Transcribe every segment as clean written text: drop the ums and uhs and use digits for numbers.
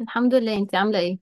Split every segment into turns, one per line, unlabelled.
الحمد لله. انت عامله ايه؟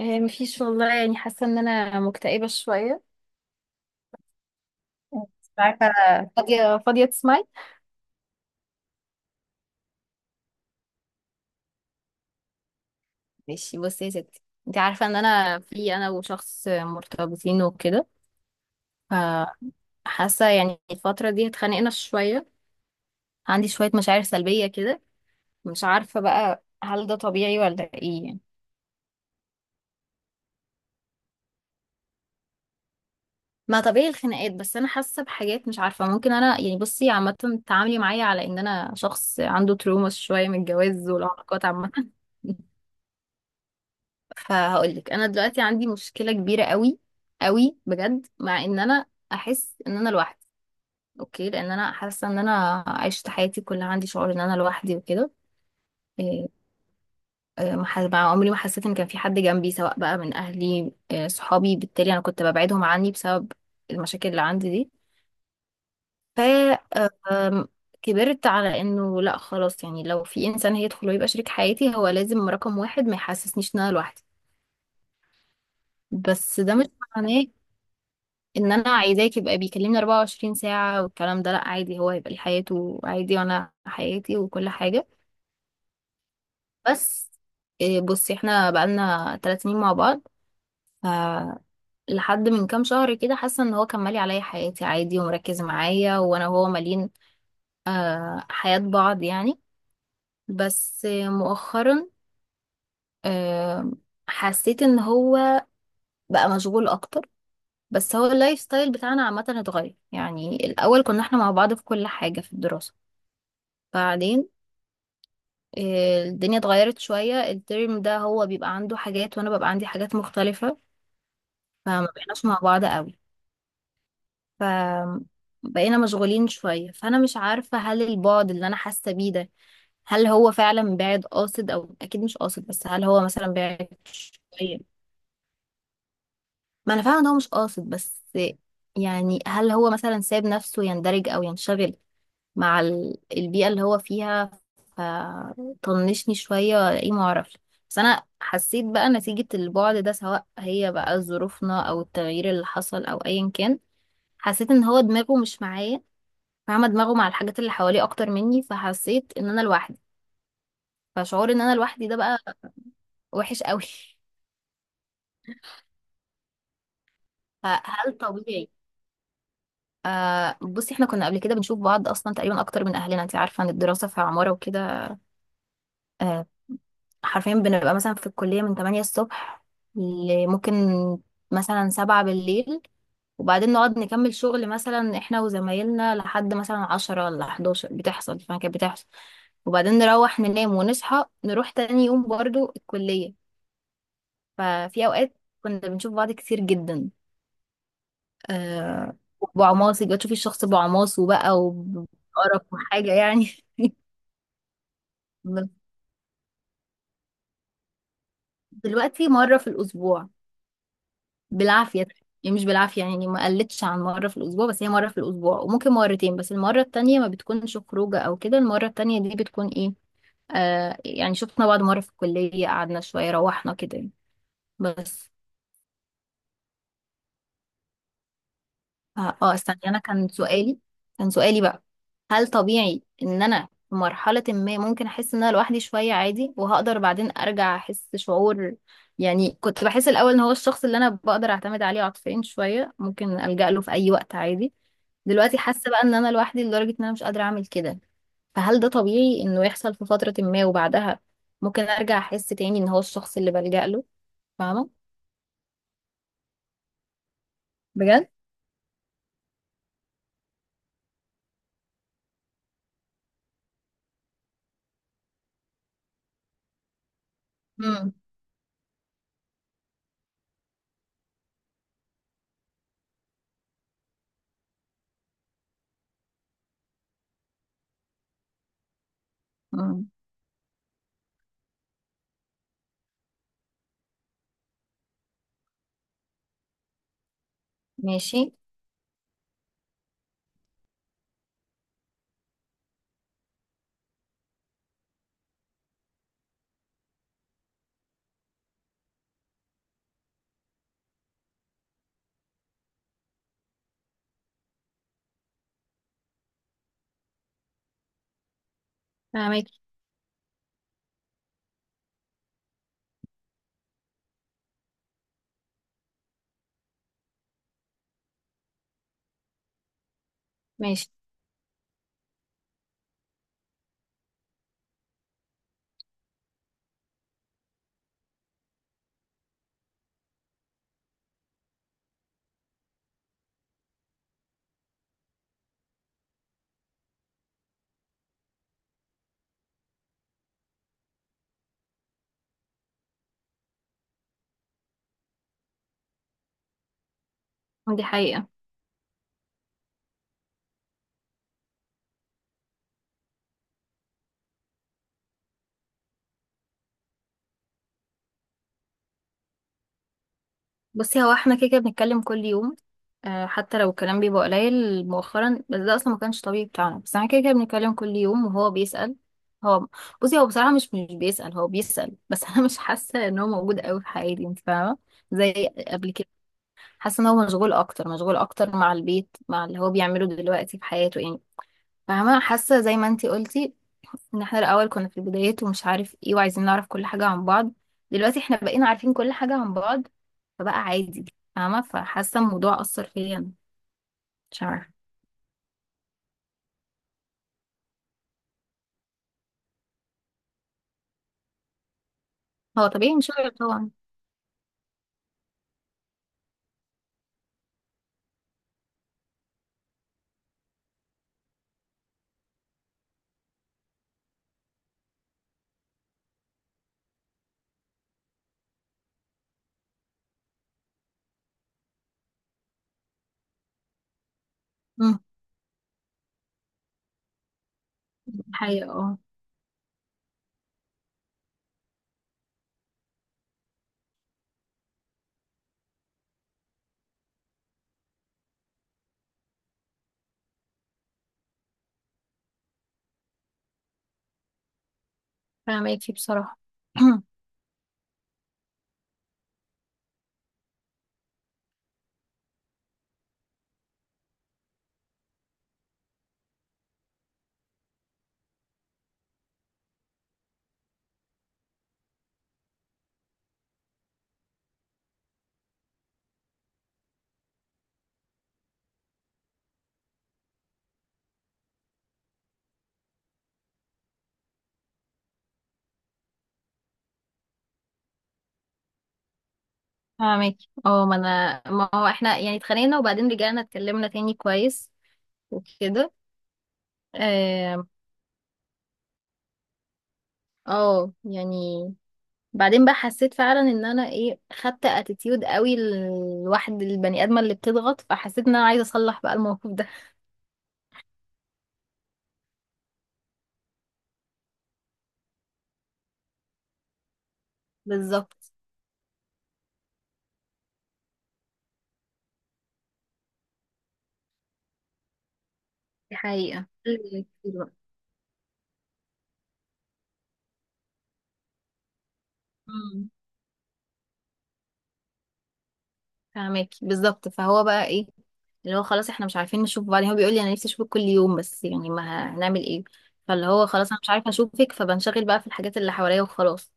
مفيش والله، يعني حاسه ان انا مكتئبه شويه. مش عارفه. فاضيه فاضيه تسمعي؟ ماشي بصي يا ستي. انت عارفه ان انا وشخص مرتبطين وكده. فحاسه يعني الفتره دي اتخانقنا شويه. عندي شويه مشاعر سلبيه كده. مش عارفه بقى، هل ده طبيعي ولا ايه يعني؟ ما طبيعي الخناقات، بس انا حاسه بحاجات مش عارفه، ممكن انا يعني، بصي عامه تعاملي معايا على ان انا شخص عنده تروما شويه من الجواز والعلاقات عامه. فهقولك، انا دلوقتي عندي مشكله كبيره قوي قوي بجد، مع ان انا احس ان انا لوحدي. اوكي، لان انا حاسه ان انا عشت حياتي كلها عندي شعور ان انا لوحدي وكده. إيه، إيه، ما ح- مع عمري ما حسيت ان كان في حد جنبي، سواء بقى من اهلي صحابي. بالتالي انا كنت ببعدهم عني بسبب المشاكل اللي عندي دي. ف آه، أم، كبرت على انه لا خلاص، يعني لو في انسان هيدخل ويبقى شريك حياتي هو لازم رقم واحد ما يحسسنيش ان انا لوحدي. بس ده مش معناه ان انا عايزاك يبقى بيكلمني 24 ساعة والكلام ده، لا عادي، هو هيبقى ليه حياته عادي وانا حياتي وكل حاجة. بس بصي، احنا بقالنا 3 سنين مع بعض. ف لحد من كام شهر كده حاسة ان هو كان مالي عليا حياتي عادي ومركز معايا، وانا وهو مالين حياة بعض يعني. بس مؤخرا آه، حسيت ان هو بقى مشغول اكتر. بس هو اللايف ستايل بتاعنا عامة اتغير، يعني الأول كنا احنا مع بعض في كل حاجة في الدراسة. بعدين الدنيا اتغيرت شوية، الترم ده هو بيبقى عنده حاجات وانا ببقى عندي حاجات مختلفة. فما بقيناش مع بعض قوي، ف بقينا مشغولين شوية. فانا مش عارفة، هل البعد اللي انا حاسة بيه ده، هل هو فعلا بعد قاصد، او اكيد مش قاصد بس هل هو مثلا بعد شوية؟ ما انا فاهمة ان هو مش قاصد، بس يعني هل هو مثلا ساب نفسه يندرج او ينشغل مع البيئة اللي هو فيها، فطنشني شوية ولا ايه معرفش. بس انا حسيت بقى، نتيجة البعد ده سواء هي بقى ظروفنا او التغيير اللي حصل او ايا كان، حسيت ان هو دماغه مش معايا. فاهمة؟ دماغه مع الحاجات اللي حواليه اكتر مني، فحسيت ان انا لوحدي. فشعور ان انا لوحدي ده بقى وحش قوي. فهل طبيعي؟ بصي، احنا كنا قبل كده بنشوف بعض اصلا تقريبا اكتر من اهلنا. انت عارفة ان الدراسة في عمارة وكده. آه، حرفيا بنبقى مثلا في الكلية من 8 الصبح ممكن مثلا 7 بالليل، وبعدين نقعد نكمل شغل مثلا احنا وزمايلنا لحد مثلا 10 ولا 11 بتحصل فما كانت بتحصل. وبعدين نروح ننام ونصحى نروح تاني يوم برضو الكلية. ففي أوقات كنا بنشوف بعض كتير جدا. آه بعماصي بقى، تشوفي الشخص بعماصه بقى، وبقرف وحاجة يعني. دلوقتي مرة في الأسبوع. بالعافية. يعني مش بالعافية، يعني ما قلتش عن مرة في الأسبوع، بس هي مرة في الأسبوع وممكن مرتين، بس المرة التانية ما بتكونش خروجة أو كده، المرة التانية دي بتكون إيه آه يعني شفنا بعض مرة في الكلية، قعدنا شوية روحنا كده يعني. بس استني، انا كان سؤالي بقى، هل طبيعي ان انا في مرحلة ما ممكن احس ان انا لوحدي شوية عادي، وهقدر بعدين ارجع احس شعور؟ يعني كنت بحس الاول ان هو الشخص اللي انا بقدر اعتمد عليه عاطفيا شوية، ممكن الجأ له في اي وقت عادي. دلوقتي حاسة بقى ان انا لوحدي لدرجة ان انا مش قادرة اعمل كده. فهل ده طبيعي انه يحصل في فترة ما وبعدها ممكن ارجع احس تاني ان هو الشخص اللي بلجأ له؟ فاهمة؟ بجد. امم ماشي، فاهمك. ماشي. دي حقيقة. بصي، هو احنا كده كده بنتكلم كل يوم. حتى لو الكلام بيبقى قليل مؤخرا، بس ده اصلا ما كانش طبيعي بتاعنا، بس احنا كده كده بنتكلم كل يوم وهو بيسأل. هو بصي، هو بصراحة مش بيسأل، هو بيسأل بس انا مش حاسة ان هو موجود قوي في حياتي، انت فاهمة؟ زي قبل كده. حاسة ان هو مشغول اكتر، مشغول اكتر مع البيت، مع اللي هو بيعمله دلوقتي في حياته يعني. فاهمة؟ حاسة زي ما انتي قلتي، ان احنا الاول كنا في البدايات ومش عارف ايه وعايزين نعرف كل حاجة عن بعض. دلوقتي احنا بقينا عارفين كل حاجة عن بعض، فبقى عادي. فاهمة؟ فحاسة الموضوع أثر فيا أنا. مش عارفة. هو طبيعي انشغل طبعا. امم. حقيقة، اه. فاهماكي بصراحة. فاهماكي. اه، ما انا، ما هو احنا يعني اتخانقنا وبعدين رجعنا اتكلمنا تاني كويس وكده. اه، يعني بعدين بقى حسيت فعلا ان انا خدت اتيتيود قوي، الواحد البني ادمه اللي بتضغط، فحسيت ان انا عايزه اصلح بقى الموقف ده. بالظبط. دي حقيقه اللي كتير بقى. امم، فهماكي. بالظبط، فهو بقى اللي هو خلاص احنا مش عارفين نشوف بعض. هو بيقول لي انا نفسي اشوفك كل يوم، بس يعني ما هنعمل ايه. فاللي هو خلاص انا مش عارفه اشوفك، فبنشغل بقى في الحاجات اللي حواليا وخلاص.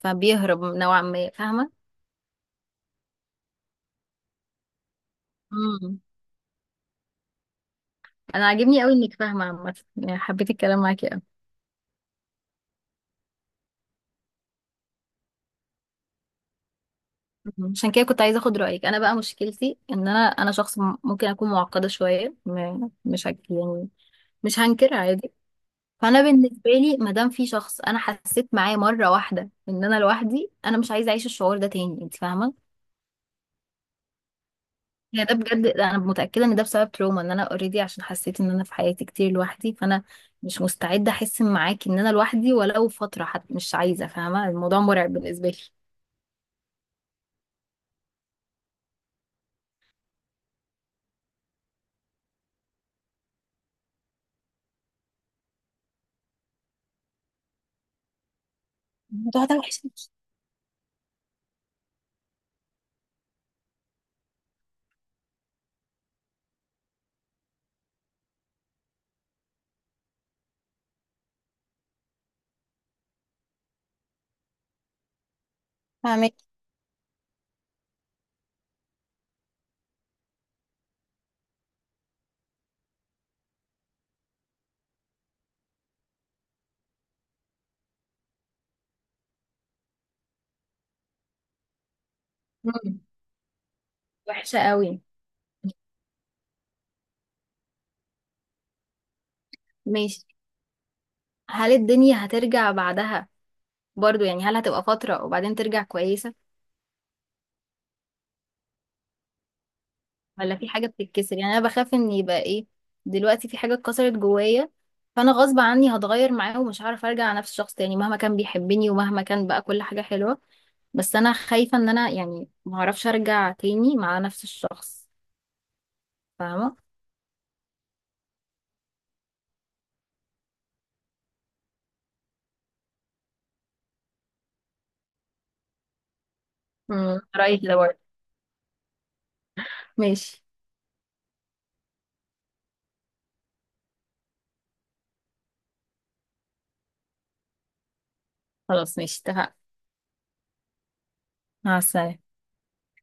فبيهرب نوعا ما، فاهمه؟ امم. انا عاجبني قوي انك فاهمه عامه، يعني حبيت الكلام معاكي قوي. مم. عشان كده كنت عايزه اخد رايك. انا بقى مشكلتي ان انا شخص، ممكن اكون معقده شويه، مش هك يعني. مش هنكر عادي. فانا بالنسبه لي، ما دام في شخص انا حسيت معاه مره واحده ان انا لوحدي، انا مش عايزه اعيش الشعور ده تاني، انت فاهمه؟ يعني ده بجد، انا متاكده ان ده بسبب تروما، ان انا اوريدي، عشان حسيت ان انا في حياتي كتير لوحدي، فانا مش مستعده احس معاكي ان انا لوحدي ولو فتره حتى، مش عايزه، فاهمه؟ الموضوع مرعب بالنسبه لي. الموضوع ده وحش أوي. فاهمك. مم. وحشه قوي. ماشي. هل الدنيا هترجع بعدها برضو؟ يعني هل هتبقى فترة وبعدين ترجع كويسة، ولا في حاجة بتتكسر؟ يعني أنا بخاف إن يبقى دلوقتي في حاجة اتكسرت جوايا، فأنا غصب عني هتغير معاه ومش هعرف أرجع على نفس الشخص تاني، مهما كان بيحبني ومهما كان بقى كل حاجة حلوة. بس أنا خايفة إن أنا يعني معرفش أرجع تاني مع نفس الشخص. فاهمة؟ امم، رأيك ده برضه. ماشي. خلاص ماشي اتفقنا. مع السلامة.